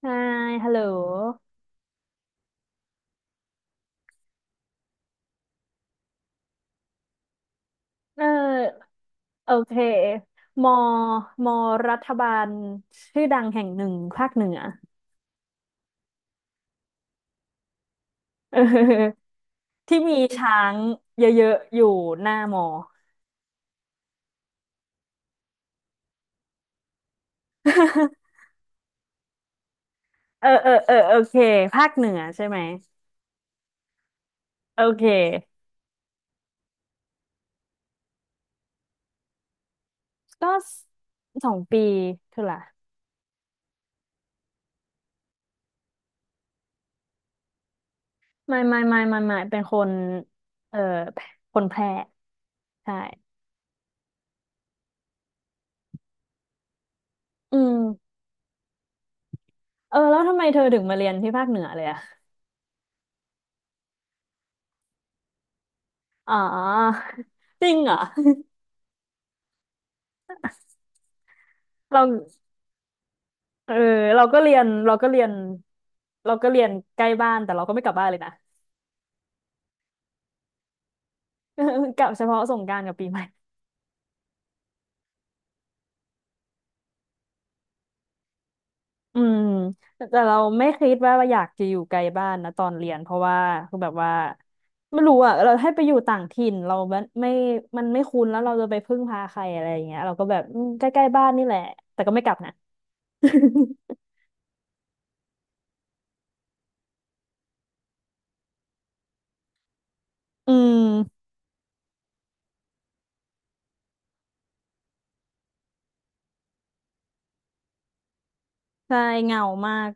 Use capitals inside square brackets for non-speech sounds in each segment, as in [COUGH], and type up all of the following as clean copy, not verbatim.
ใช่ฮัลโหลเออโอเคมอมอรัฐบาลชื่อดังแห่งหนึ่งภาคเหนือ [LAUGHS] เออที่มีช้างเยอะๆอยู่หน้ามอ [LAUGHS] เออเออเออโอเคภาคเหนือใช่ไหมโอเคก็สองปีเท่าไหร่ไม่ไม่ไม่ไม่ไม่เป็นคนเออคนแพร่ใช่อืมเออแล้วทำไมเธอถึงมาเรียนที่ภาคเหนือเลยอะอ๋อ [LAUGHS] จริงเหรอ [LAUGHS] เรา เออเราก็เรียนเราก็เรียนใกล้บ้านแต่เราก็ไม่กลับบ้านเลยนะ [LAUGHS] กลับเฉพาะสงกรานต์กับปีใหม่อืมแต่เราไม่คิดว่าอยากจะอยู่ไกลบ้านนะตอนเรียนเพราะว่าคือแบบว่าไม่รู้อ่ะเราให้ไปอยู่ต่างถิ่นเราไม่มันไม่คุ้นแล้วเราจะไปพึ่งพาใครอะไรอย่างเงี้ยเราก็แบบอืมใกล้ๆบ้านนี่แหละแต่ก็ไม่กลับนะ [LAUGHS] อืมใช่เหงามาก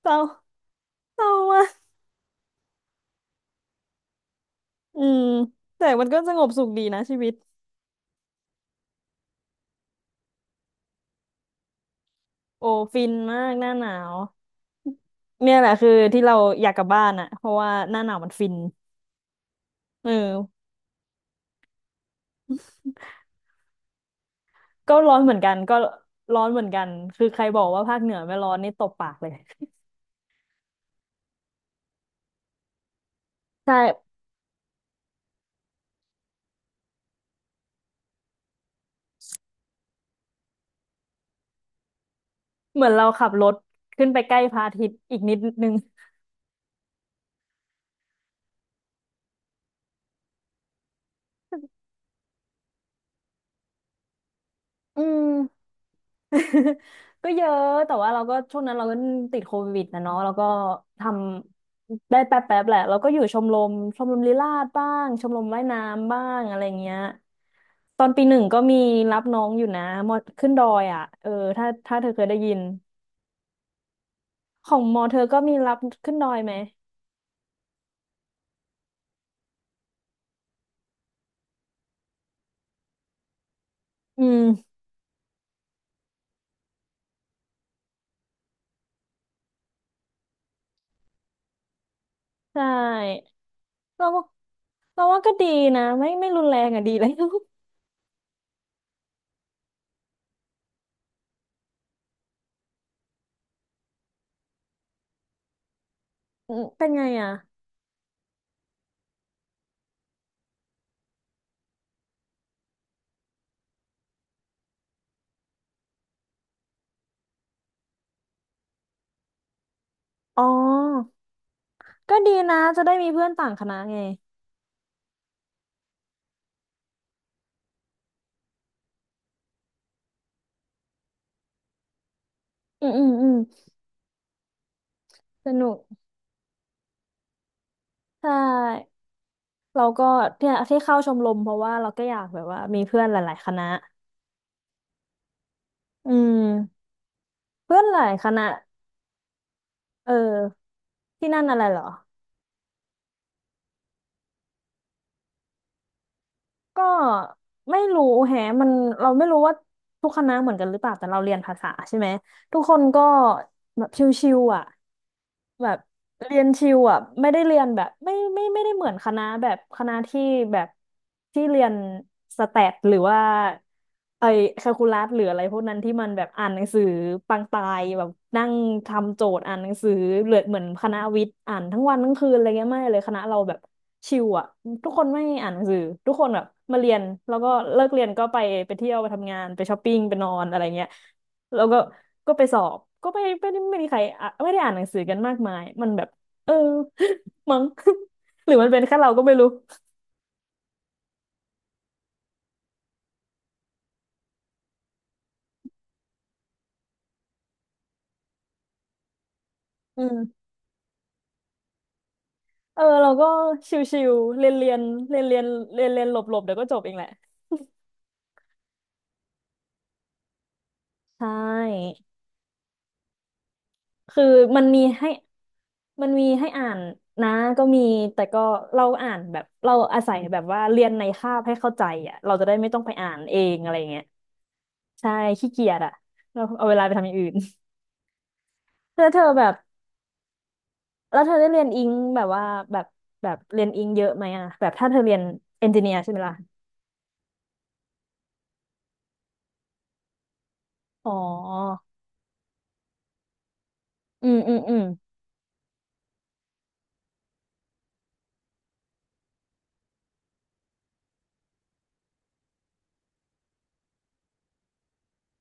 เศร้าเศร้ามากอืมแต่มันก็สงบสุขดีนะชีวิต โอ้ฟินมากหน้าหนาวเนี่ยแหละคือที่เราอยากกลับบ้านอ่ะเพราะว่าหน้าหนาวมันฟินเออก็ร้อนเหมือนกันก็ร้อนเหมือนกันคือใครบอกว่าภาคเหนือไม่ร้อนนี่ตบปากเลย [LAUGHS] ใช่เหมือนเราขับรถขึ้นไปใกล้พระอาทิตย์อีกนิดนึงอืม ก็เยอะแต่ว่าเราก็ช่วงนั้นเราก็ติดโควิดนะเนาะแล้วก็ทำได้แป๊บแป๊บแหละเราก็อยู่ชมรมลีลาศบ้างชมรมว่ายน้ำบ้างอะไรเงี้ยตอนปีหนึ่งก็มีรับน้องอยู่นะมอขึ้นดอยอ่ะเออถ้าเธอเคยได้ยินของมอเธอก็มีรับขึ้นดอยไหมอืมใช่เราว่าเราว่าก็ดีนะไม่รุนแรงอ่ะดีเลย [LAUGHS] อืมเป็นไงอ่ะอ๋อก็ดีนะจะได้มีเพื่อนต่างคณะไงอืมอืมอืม สนุกใช่เราก็เนี่ยที่เข้าชมรมเพราะว่าเราก็อยากแบบว่ามีเพื่อนหลายๆคณะอืมเพื่อนหลายคณะเออที่นั่นอะไรเหรอก็ไม่รู้แฮะมันเราไม่รู้ว่าทุกคณะเหมือนกันหรือเปล่าแต่เราเรียนภาษาใช่ไหม ทุกคนก็แบบชิวๆอ่ะแบบเรียนชิวอ่ะไม่ได้เรียนแบบไม่ได้เหมือนคณะแบบคณะที่แบบที่เรียนสแตทหรือว่าไอ้แคลคูลัสหรืออะไรพวกนั้นที่มันแบบอ่านหนังสือปังตายแบบนั่งทำโจทย์อ่านหนังสือเหลือเหมือนคณะวิทย์อ่านทั้งวันทั้งคืนอะไรเงี้ยไม่เลยคณะเราแบบชิลอ่ะทุกคนไม่อ่านหนังสือทุกคนแบบมาเรียนแล้วก็เลิกเรียนก็ไปไปเที่ยวไปทำงานไปช้อปปิ้งไปนอนอะไรเงี้ย แล้วก็ไปสอบ ก็ไม่ได้ไม่มีใครอ่ะไม่ได้อ่านหนังสือกันมากมาย มันแบบเออ [LAUGHS] มั้ง [LAUGHS] หรือมันเป็นแค่เราก็ไม่รู้อืมเออเราก็ชิวๆเรียนเรียนเรียนเรียนเรียนเรียนหลบหลบเดี๋ยวก็จบเองแหละใช่คือมันมีให้มันมีให้อ่านนะก็มีแต่ก็เราอ่านแบบเราอาศัยแบบว่าเรียนในคาบให้เข้าใจอ่ะเราจะได้ไม่ต้องไปอ่านเองอะไรเงี้ยใช่ขี้เกียจอ่ะเราเอาเวลาไปทำอย่างอื่น [LAUGHS] แล้วเธอแบบ แล้วเธอได้เรียนอิงแบบว่าแบบแบบเรียนอิงเยอะไหมอ่ะแบบถ้าเธอเรียนเอนจิเนียร์ใช่ไหมล่ะอ๋ออืมอืมอืม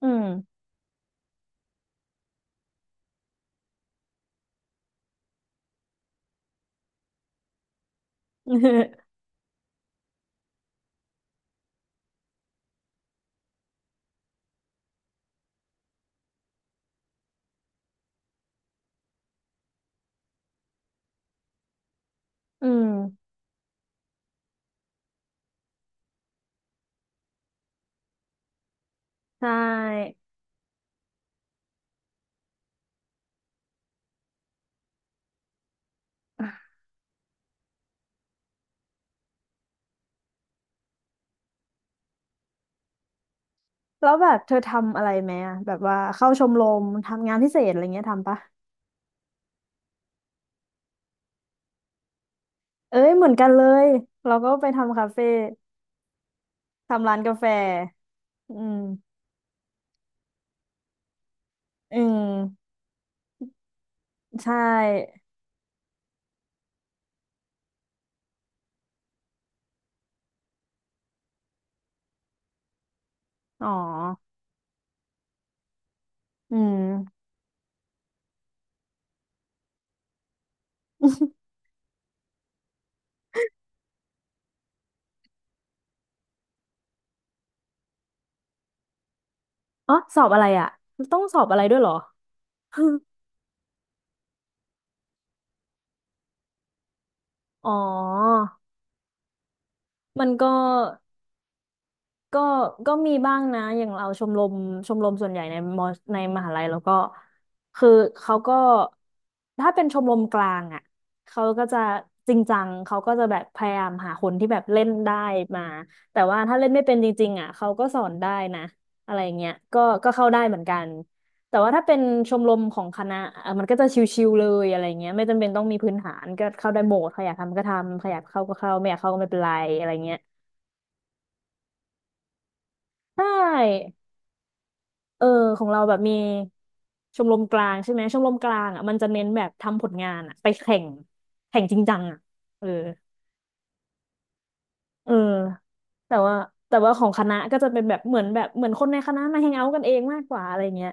อืม [LAUGHS] อืมใช่แล้วแบบเธอทำอะไรไหมอ่ะแบบว่าเข้าชมรมทำงานพิเศษอะไรเงี้ยทำปะเอ้ยเหมือนกันเลยเราก็ไปทำคาเฟ่ทำร้านกาแฟอืมอืมใช่อ๋ออืม [LAUGHS] อ๋อสอบอะไรอ่ะต้องสอบอะไรด้วยเหรอ [LAUGHS] อ๋อมันก็ ก็ก็มีบ้างนะอย่างเราชมรมชมรมส่วนใหญ่ในมอในมหาลัยแล้วก็คือเขาก็ถ้าเป็นชมรมกลางอ่ะเขาก็จะจริงจังเขาก็จะแบบพยายามหาคนที่แบบเล่นได้มาแต่ว่าถ้าเล่นไม่เป็นจริงๆอ่ะเขาก็สอนได้นะอะไรเงี้ยก็เข้าได้เหมือนกันแต่ว่าถ้าเป็นชมรมของคณะเอ่อมันก็จะชิวๆเลยอะไรเงี้ยไม่จำเป็นต้องมีพื้นฐานก็เข้าได้หมดใครอยากทำก็ทำใครอยากเข้าก็เข้าไม่อยากเข้าก็ไม่เป็นไรอะไรเงี้ยใช่ เออของเราแบบมีชมรมกลางใช่ไหมชมรมกลางอ่ะมันจะเน้นแบบทำผลงานอ่ะไปแข่งแข่งจริงจังอ่ะเออเออแต่ว่าแต่ว่าของคณะก็จะเป็นแบบเหมือนคนในคณะมาแฮงเอาท์กันเองมากกว่าอะไรเงี้ย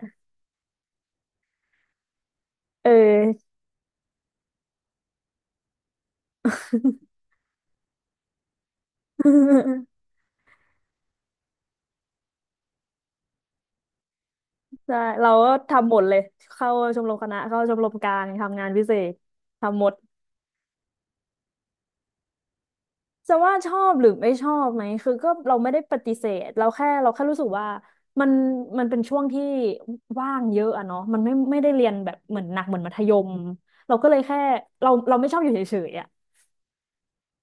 เออ [LAUGHS] ใช่เราก็ทำหมดเลยเข้าชมรมคณะเข้าชมรมกลางทำงานพิเศษทำหมด จะว่าชอบหรือไม่ชอบไหมคือก็เราไม่ได้ปฏิเสธเราแค่รู้สึกว่ามันมันเป็นช่วงที่ว่างเยอะอะเนาะมันไม่ได้เรียนแบบเหมือนหนักเหมือนมัธยมเราก็เลยแค่เราไม่ชอบอยู่เฉยๆอะ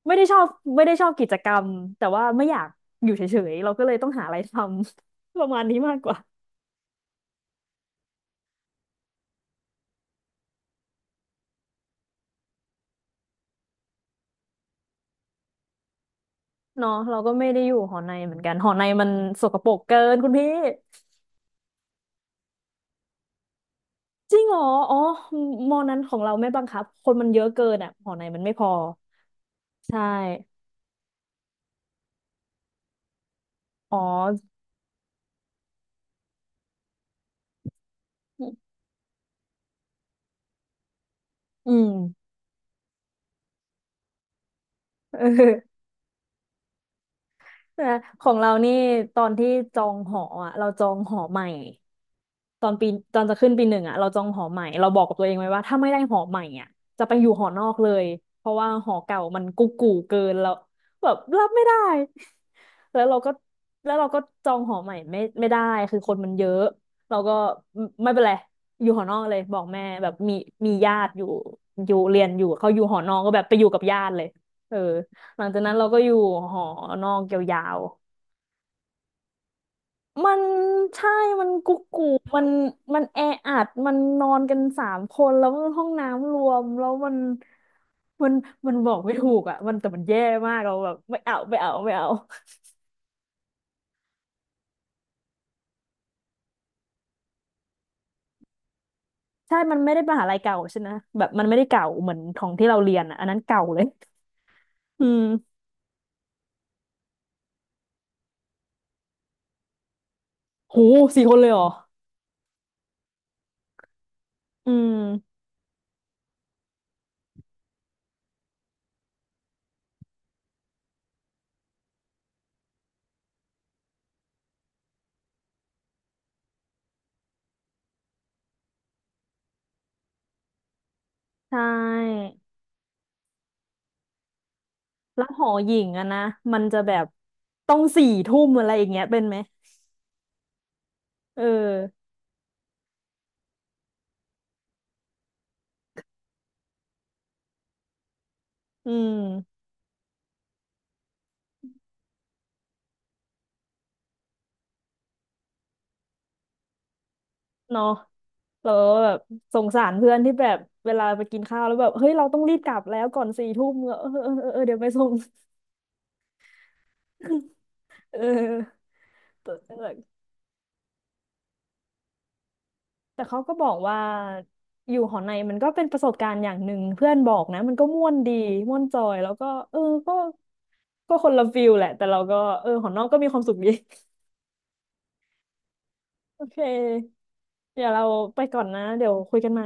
ไม่ได้ชอบไม่ได้ชอบกิจกรรมแต่ว่าไม่อยากอยู่เฉยๆเราก็เลยต้องหาอะไรทำ [LAUGHS] ประมาณนี้มากกว่าเนาะเราก็ไม่ได้อยู่หอในเหมือนกันหอในมันสกปรกเกินคุณพี่จริงเหรออ๋อมมอนั้นของเราไม่บังคับคนมันเยอะเกินอ่ะหอในมันไม่พอใช่ อ๋ออืมเออ แต่ของเรานี่ตอนที่จองหออ่ะเราจองหอใหม่ตอนปีตอนจะขึ้นปีหนึ่งอ่ะเราจองหอใหม่เราบอกกับตัวเองไว้ว่าถ้าไม่ได้หอใหม่อ่ะจะไปอยู่หอนอกเลยเพราะว่าหอเก่ามันกุกกูเกินแล้วแบบรับไม่ได้ [LAUGHS] แล้วเราก็แล้วเราก็จองหอใหม่ไม่ได้คือคนมันเยอะเราก็ไม่เป็นไรอยู่หอนอกเลยบอกแม่แบบมีญาติอยู่อยู่เรียนอยู่เขาอยู่หอนอกก็แบบไปอยู่กับญาติเลยเออ หลังจากนั้นเราก็อยู่หอนอกยาวๆมันใช่มันกุ๊กกูมันมันแออัดมันนอนกันสามคนแล้วมันห้องน้ำรวมแล้วมันมันบอกไม่ถูกอ่ะมันแต่มันแย่มากเราแบบไม่เอาไม่เอาไม่เอาใช่ มันไม่ได้มหาลัยเก่าใช่ไหมแบบมันไม่ได้เก่าเหมือนของที่เราเรียนอ่ะอันนั้นเก่าเลยอืมโหสี่คนเลยเหรออืมใช่แล้วหอหญิงอะนะมันจะแบบต้องสี่ทุ่มอะไรอย่างเงี้ยเป็นไหมเอออืม เนาะเราแบบสงสารเพื่อนที่แบบเวลาไปกินข้าวแล้วแบบเฮ้ยเราต้องรีบกลับแล้วก่อนสี่ทุ่มเออเออเออเออเดี๋ยวไปส่ง [LAUGHS] เออแต่แต่เขาก็บอกว่าอยู่หอในมันก็เป็นประสบการณ์อย่างหนึ่งเพื่อนบอกนะมันก็ม่วนดีม่วนจอยแล้วก็เออก็ก็คนละฟิลแหละแต่เราก็เออหอนอกก็มีความสุขดี [LAUGHS] โอเคเดี๋ยวเราไปก่อนนะเดี๋ยวคุยกันใหม่